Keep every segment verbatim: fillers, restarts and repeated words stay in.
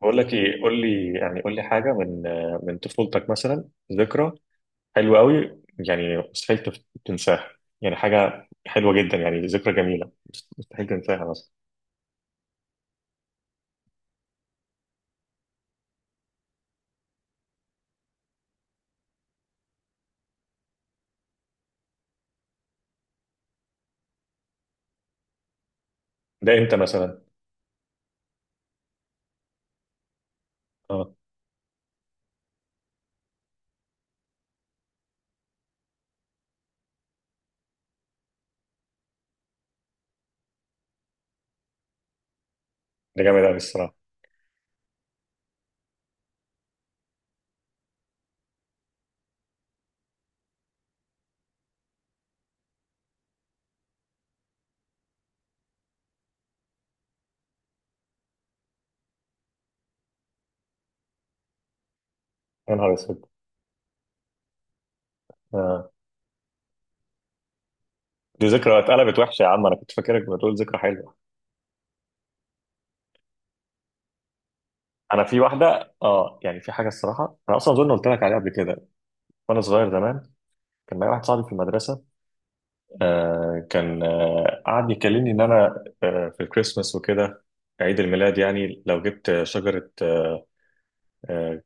بقول لك ايه، قول لي يعني قول لي حاجه من من طفولتك مثلا، ذكرى حلوه قوي، يعني مستحيل تف- تنساها، يعني حاجه حلوه جدا يعني ذكرى جميله، مست- مستحيل تنساها مثلا. ده امتى مثلا؟ اه. ده جامد قوي الصراحه. يا نهار اسود. آه. دي ذكرى اتقلبت وحشه يا عم، انا كنت فاكرك بتقول ذكرى حلوه. انا في واحده، اه يعني في حاجه الصراحه، انا اصلا اظن قلت لك عليها قبل كده. وانا صغير زمان كان معايا واحد صاحبي في المدرسه، آه كان آه قعد يكلمني ان انا آه في الكريسماس وكده، عيد الميلاد يعني لو جبت شجرة آه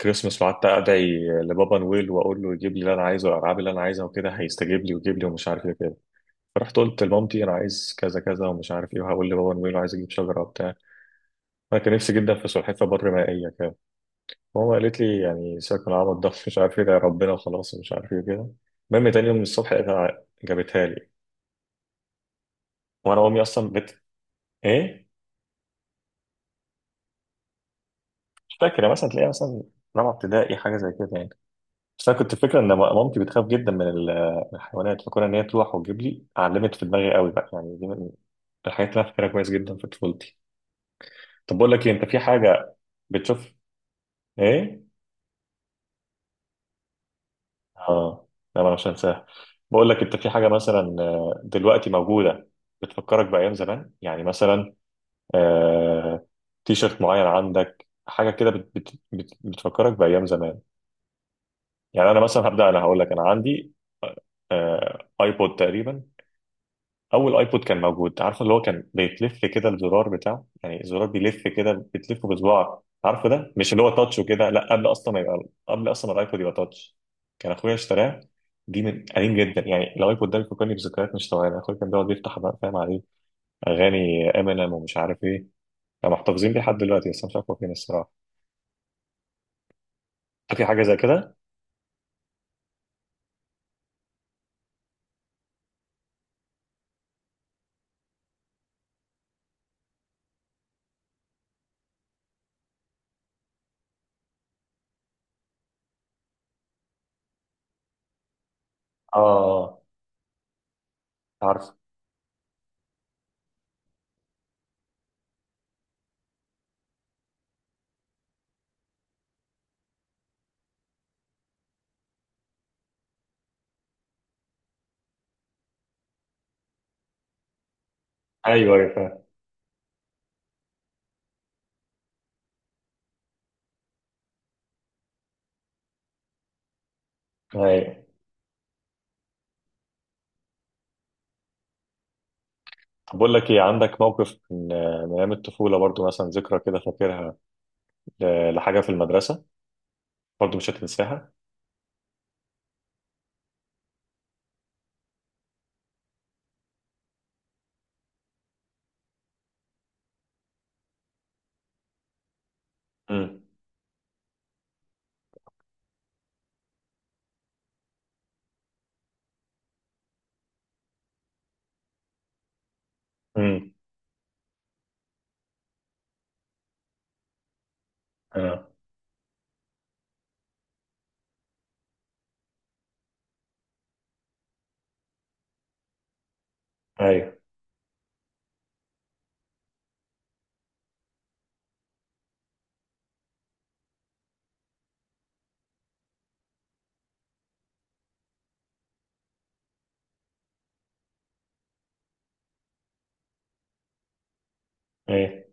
كريسماس، وقعدت ادعي لبابا نويل واقول له يجيب لي اللي انا عايزه والالعاب اللي انا عايزها وكده هيستجيب لي ويجيب لي ومش عارف ايه كده. فرحت قلت لمامتي انا عايز كذا كذا ومش عارف ايه وهقول لبابا نويل وعايز اجيب شجرة وبتاع. انا كان نفسي جدا في سلحفاة بر مائية كده. ماما قالت لي يعني سيبك من العبط ده مش عارف ايه ده ربنا وخلاص ومش عارف ايه كده. المهم تاني يوم الصبح لقيتها جابتها لي. وانا امي اصلا بت ايه، مش فاكر يعني، مثلا تلاقيها مثلا رابعه ابتدائي حاجه زي كده يعني. بس انا كنت فاكره ان مامتي بتخاف جدا من ال- من الحيوانات، فكون ان هي تروح وتجيب لي علمت في دماغي قوي بقى، يعني دي من الحاجات اللي انا فاكرها كويس جدا في طفولتي. طب بقول لك إيه، انت في حاجه بتشوف؟ ايه؟ اه. لا انا مش هنساها. بقول لك انت في حاجه مثلا آه، دلوقتي موجوده بتفكرك بايام زمان، يعني مثلا آه، تيشرت معين، عندك حاجه كده بت بت بت بتفكرك بايام زمان. يعني انا مثلا هبدا، انا هقول لك انا عندي آه، ايبود تقريبا، اول ايبود كان موجود، عارفه اللي هو كان بيتلف كده الزرار بتاعه، يعني الزرار بيلف كده بتلفه بصباعك. عارفه ده مش اللي هو تاتش وكده، لا قبل اصلا ما يبقى، قبل اصلا ما الايبود يبقى تاتش، كان اخويا اشتراه. دي من قديم جدا يعني، الايبود ده بيفكرني بذكريات مش طبيعيه، اخويا كان بيقعد يفتح بقى فاهم عليه اغاني امينيم ومش عارف ايه. كانوا محتفظين بيه لحد دلوقتي بس أنا مش عارف هو فين الصراحه. فاكر حاجه زي كده. اه، عارف. ايوه ايوه فاهم. أيوة. بقول لك ايه، عندك موقف من من ايام الطفوله برضو، مثلا ذكرى كده فاكرها ل- لحاجه في المدرسه برضو مش هتنساها؟ امم. امم. اه. ايوه ايوه.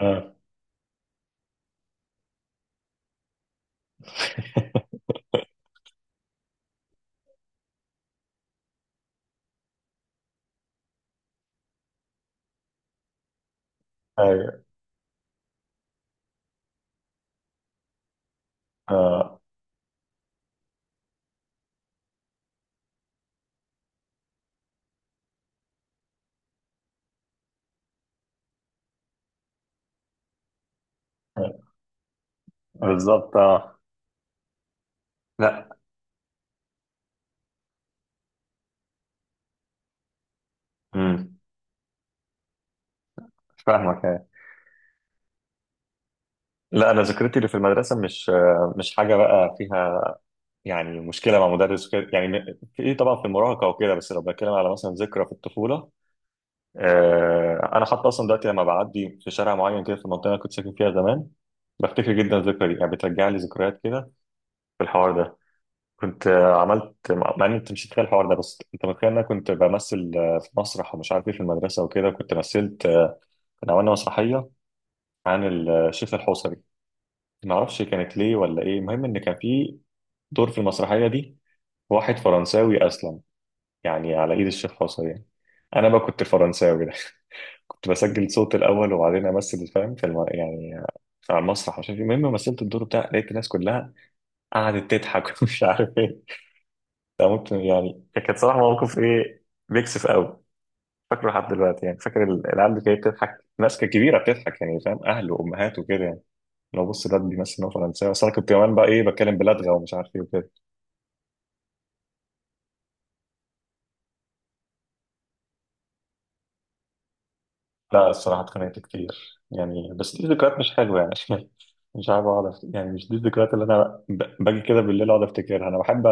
اه. ايوه. اه. آه. بالظبط. اه. لا. امم. مش فاهمك، ايوه. لا انا ذكرتي اللي في المدرسه مش آه، مش حاجه بقى فيها يعني مشكله مع مدرس وكده، يعني في ايه طبعا في المراهقه وكده، بس لو بتكلم على مثلا ذكرى في الطفوله، آه، انا حتى اصلا دلوقتي لما بعدي في شارع معين كده في المنطقه اللي أنا كنت ساكن فيها زمان بفتكر جدا الذكرى دي، يعني بترجع لي ذكريات كده في الحوار ده. كنت آه، عملت مع مع ان انت مش هتخيل الحوار ده، بس انت متخيل ان انا كنت بمثل آه، في مسرح ومش عارف ايه في المدرسه وكده، كنت مثلت آه، كنا عملنا مسرحيه عن الشيخ الحوصري. ما اعرفش كانت ليه ولا ايه، المهم ان كان في دور في المسرحيه دي واحد فرنساوي اسلم يعني على ايد الشيخ الحوصري يعني. انا بقى كنت الفرنساوي ده. كنت بسجل صوت الاول وبعدين امثل فاهم في الم... يعني على المسرح مش عارف ايه، المهم مثلت الدور بتاع لقيت الناس كلها قعدت تضحك ومش عارف ايه. ده ممكن يعني كانت صراحة موقف ايه، بيكسف قوي، فاكره لحد دلوقتي، يعني فاكر ال- العيال اللي كانت بتضحك، ناس كانت كبيرة بتضحك يعني فاهم، أهل وأمهات وكده يعني، لو بص ده بيمثل إن هو فرنساوي أصل أنا كنت كمان بقى إيه بتكلم بلدغة ومش عارف إيه وكده. لا الصراحة اتخانقت كتير يعني بس دي ذكريات مش حلوة يعني. مش عارف أقعد أفت- يعني مش دي الذكريات اللي أنا ب- باجي كده بالليل أقعد أفتكرها. أنا بحب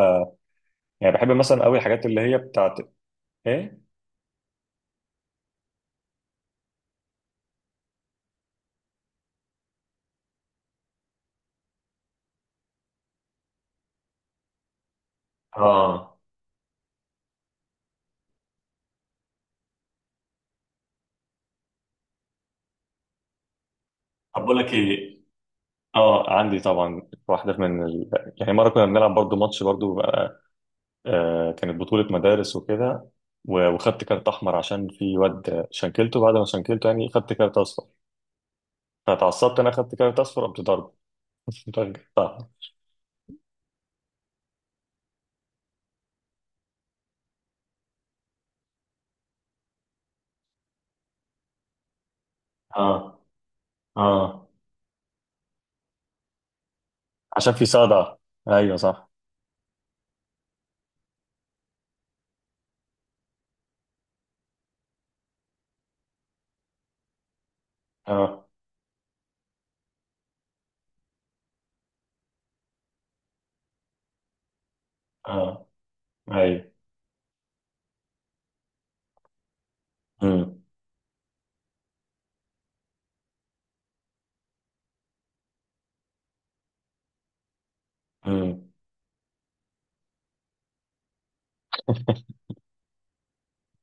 يعني بحب مثلا قوي الحاجات اللي هي بتاعت إيه؟ اه. طب بقول لك ايه. اه عندي طبعا واحده من ال... يعني مره كنا بنلعب برضو ماتش برضو بقى، آه كانت بطوله مدارس وكده، و- وخدت كارت احمر عشان في واد شنكلته، بعد ما شنكلته يعني خدت كارت اصفر، فتعصبت انا خدت كارت اصفر قمت ضربه. ضربة صح. اه. اه. عشان في صدع. ايوه صح. اه. اه. ايوه. امم. امم.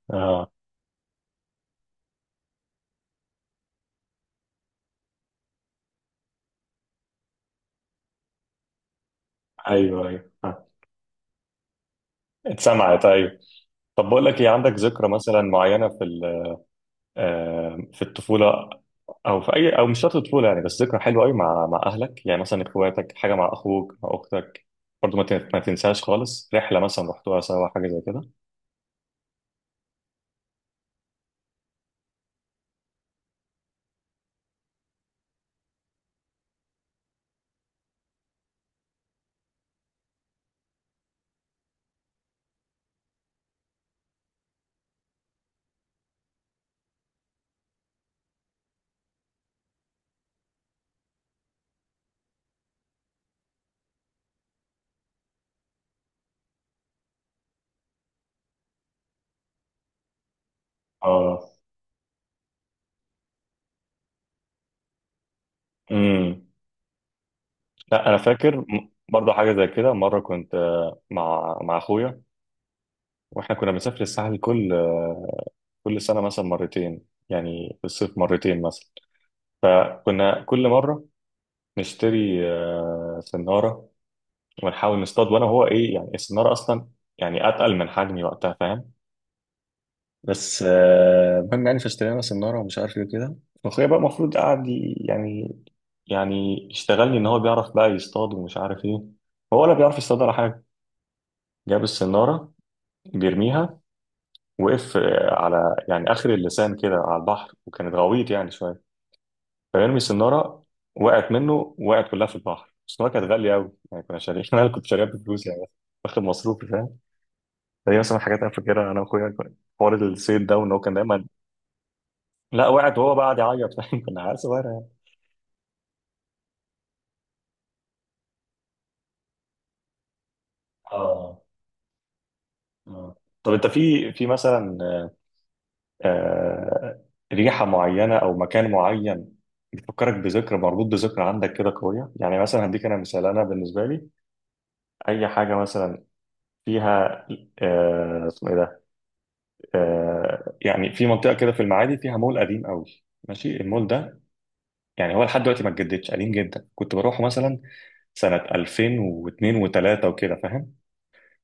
اه. ايوه ايوه. آه. اتسمعت ايوه. طب بقول لك ايه عندك ذكرى مثلا معينه في آم، في الطفولة، أو في أي، أو مش شرط الطفولة يعني بس ذكرى حلوة أوي مع مع أهلك يعني، مثلا إخواتك حاجة مع أخوك مع أختك برضه ما تن- ما تنساش خالص، رحلة مثلا رحتوها سوا حاجة زي كده. اه. امم. لا أنا فاكر م- برضه حاجة زي كده، مرة كنت آه، مع مع أخويا، وإحنا كنا بنسافر الساحل كل آه، كل سنة مثلا مرتين يعني، في الصيف مرتين مثلا، فكنا كل مرة نشتري آه، سنارة ونحاول نصطاد، وانا هو ايه يعني السناره اصلا يعني اتقل من حجمي وقتها فاهم، بس آه، المهم يعني فاشترينا سناره ومش عارف ايه كده، واخويا بقى المفروض قاعد ي- يعني، يعني يشتغلني ان هو بيعرف بقى يصطاد ومش عارف ايه، هو ولا بيعرف يصطاد ولا حاجه. جاب السناره بيرميها، وقف آه، على يعني اخر اللسان كده على البحر، وكانت غويط يعني شويه، فيرمي السناره وقعت منه، وقعت كلها في البحر. السناره كانت غاليه قوي يعني كنا شاريين انا كنت شاريها بفلوس يعني، واخد مصروفي فاهم. هي مثلا الحاجات انا فاكرها انا واخويا حوار الصيد ده وان هو كان دايما. لا وقعت وهو بقى قاعد يعيط فاهم. كنا عيال صغيره يعني. اه. اه. طب انت في في مثلا آه، آه، ريحه معينه او مكان معين بيفكرك بذكرى، مربوط بذكرى عندك كده قويه يعني، مثلا هديك انا مثال، انا بالنسبه لي اي حاجه مثلا فيها آه، اسمه ايه ده آه، يعني في منطقه كده في المعادي فيها مول قديم قوي، ماشي المول ده، يعني هو لحد دلوقتي ما اتجددش، قديم جدا، كنت بروحه مثلا سنة ألفين و اثنين و3 وكده فاهم،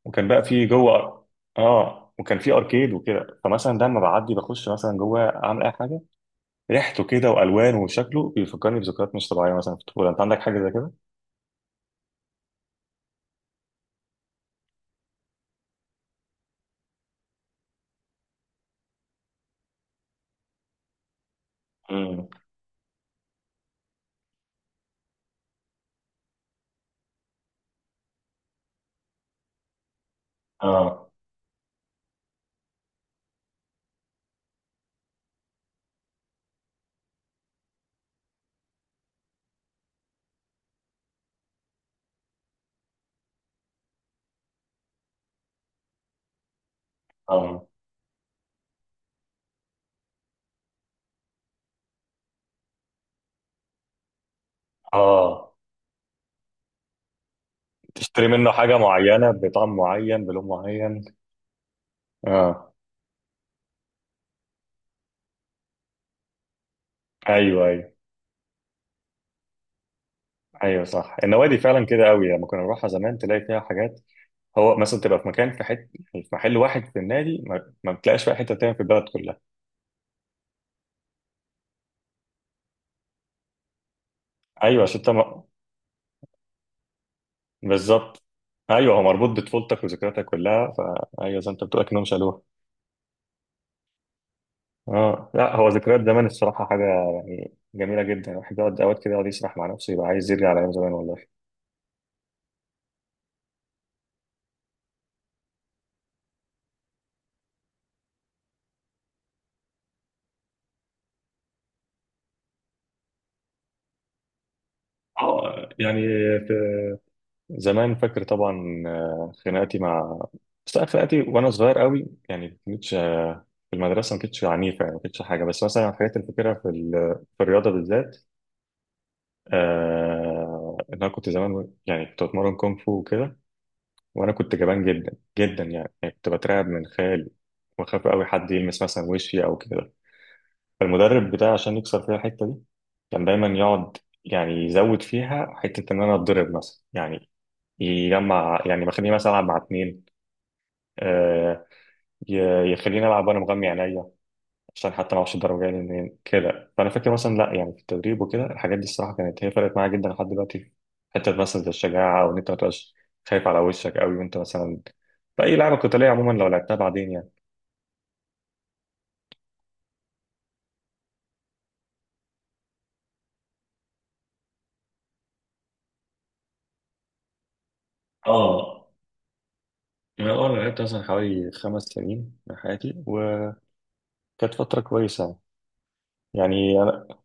وكان بقى فيه جوه، اه وكان فيه اركيد وكده، فمثلا ده لما بعدي بخش مثلا جوه اعمل اي حاجه، ريحته كده والوانه وشكله بيفكرني بذكريات مش طبيعيه مثلا في الطفوله، انت عندك حاجه زي كده؟ امم. اه. اه. اه. تشتري منه حاجه معينه بطعم معين بلون معين. اه. ايوه ايوه. ايوه صح، النوادي فعلا كده قوي لما كنا نروحها زمان تلاقي فيها حاجات، هو مثلا تبقى في مكان في حته في محل واحد في النادي ما، ما بتلاقيش بقى حته تانية في البلد كلها. ايوه عشان انت م- بالظبط. ايوه هو مربوط بطفولتك وذكرياتك كلها، فايوه زي ما انت بتقول اكنهم شالوها. اه لا هو ذكريات زمان الصراحه حاجه يعني جميله جدا، الواحد يقعد اوقات كده يقعد يسرح مع نفسه يبقى عايز يرجع لايام زمان والله. اه يعني في زمان فاكر طبعا آه، خناقاتي مع، بس لا، خناقاتي وانا صغير قوي يعني ما كنتش، في المدرسه ما كنتش عنيفه يعني ما كنتش حاجه، بس مثلا الحاجات اللي فاكرها في ال- في الرياضه بالذات، آه إن أنا كنت زمان يعني كنت بتمرن كونغ فو وكده، وأنا كنت جبان جدا جدا يعني، يعني كنت بترعب من خيالي وأخاف أوي حد يلمس مثلا وشي أو كده. فالمدرب بتاعي عشان يكسر فيها الحتة دي كان دايما يقعد يعني يزود فيها حتة إن أنا أتضرب مثلا يعني، يجمع يعني بخليني مثلا ألعب مع اتنين، آه ي- يخليني ألعب وأنا مغمي عينيا عشان حتى ما اعرفش الدرجه يعني منين كده. فانا فاكر مثلا لا يعني في التدريب وكده الحاجات دي الصراحه كانت هي فرقت معايا جدا لحد دلوقتي في حته مثلا زي الشجاعه، او ان انت ما تبقاش خايف على وشك قوي وانت مثلا في اي لعبه قتاليه عموما لو لعبتها بعدين يعني. اه انا اول ما لعبت مثلا حوالي خمس سنين من حياتي وكانت فتره كويسه. يعني انا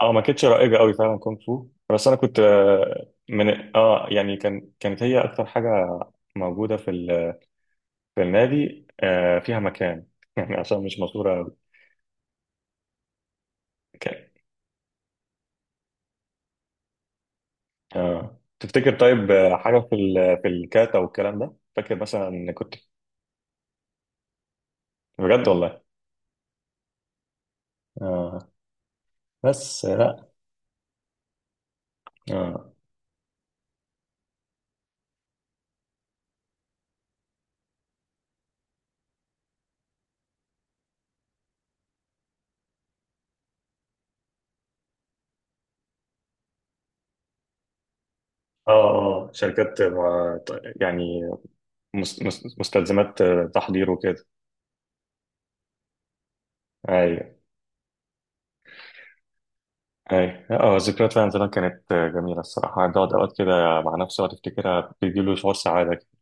اه ما كانتش رائجه قوي فعلا كونغ فو، بس انا كنت آه، من اه يعني كان كانت هي اكتر حاجه موجوده في ال- في النادي آه، فيها مكان يعني عشان مش مشهوره. ك- اه تفتكر طيب آه، حاجة في ال... في الكاتا والكلام ده فاكر مثلا إن كنت، بجد والله. اه. بس آه، لا. اه. اه آه، شركات مع- يعني مس- مس- مستلزمات آه، تحضير وكده. ايوه. ايوه. اه ذكريات فعلا زمان كانت آه، جميلة الصراحة، بتقعد اوقات كده مع نفسي وتفتكرها بتديله شعور سعادة كده.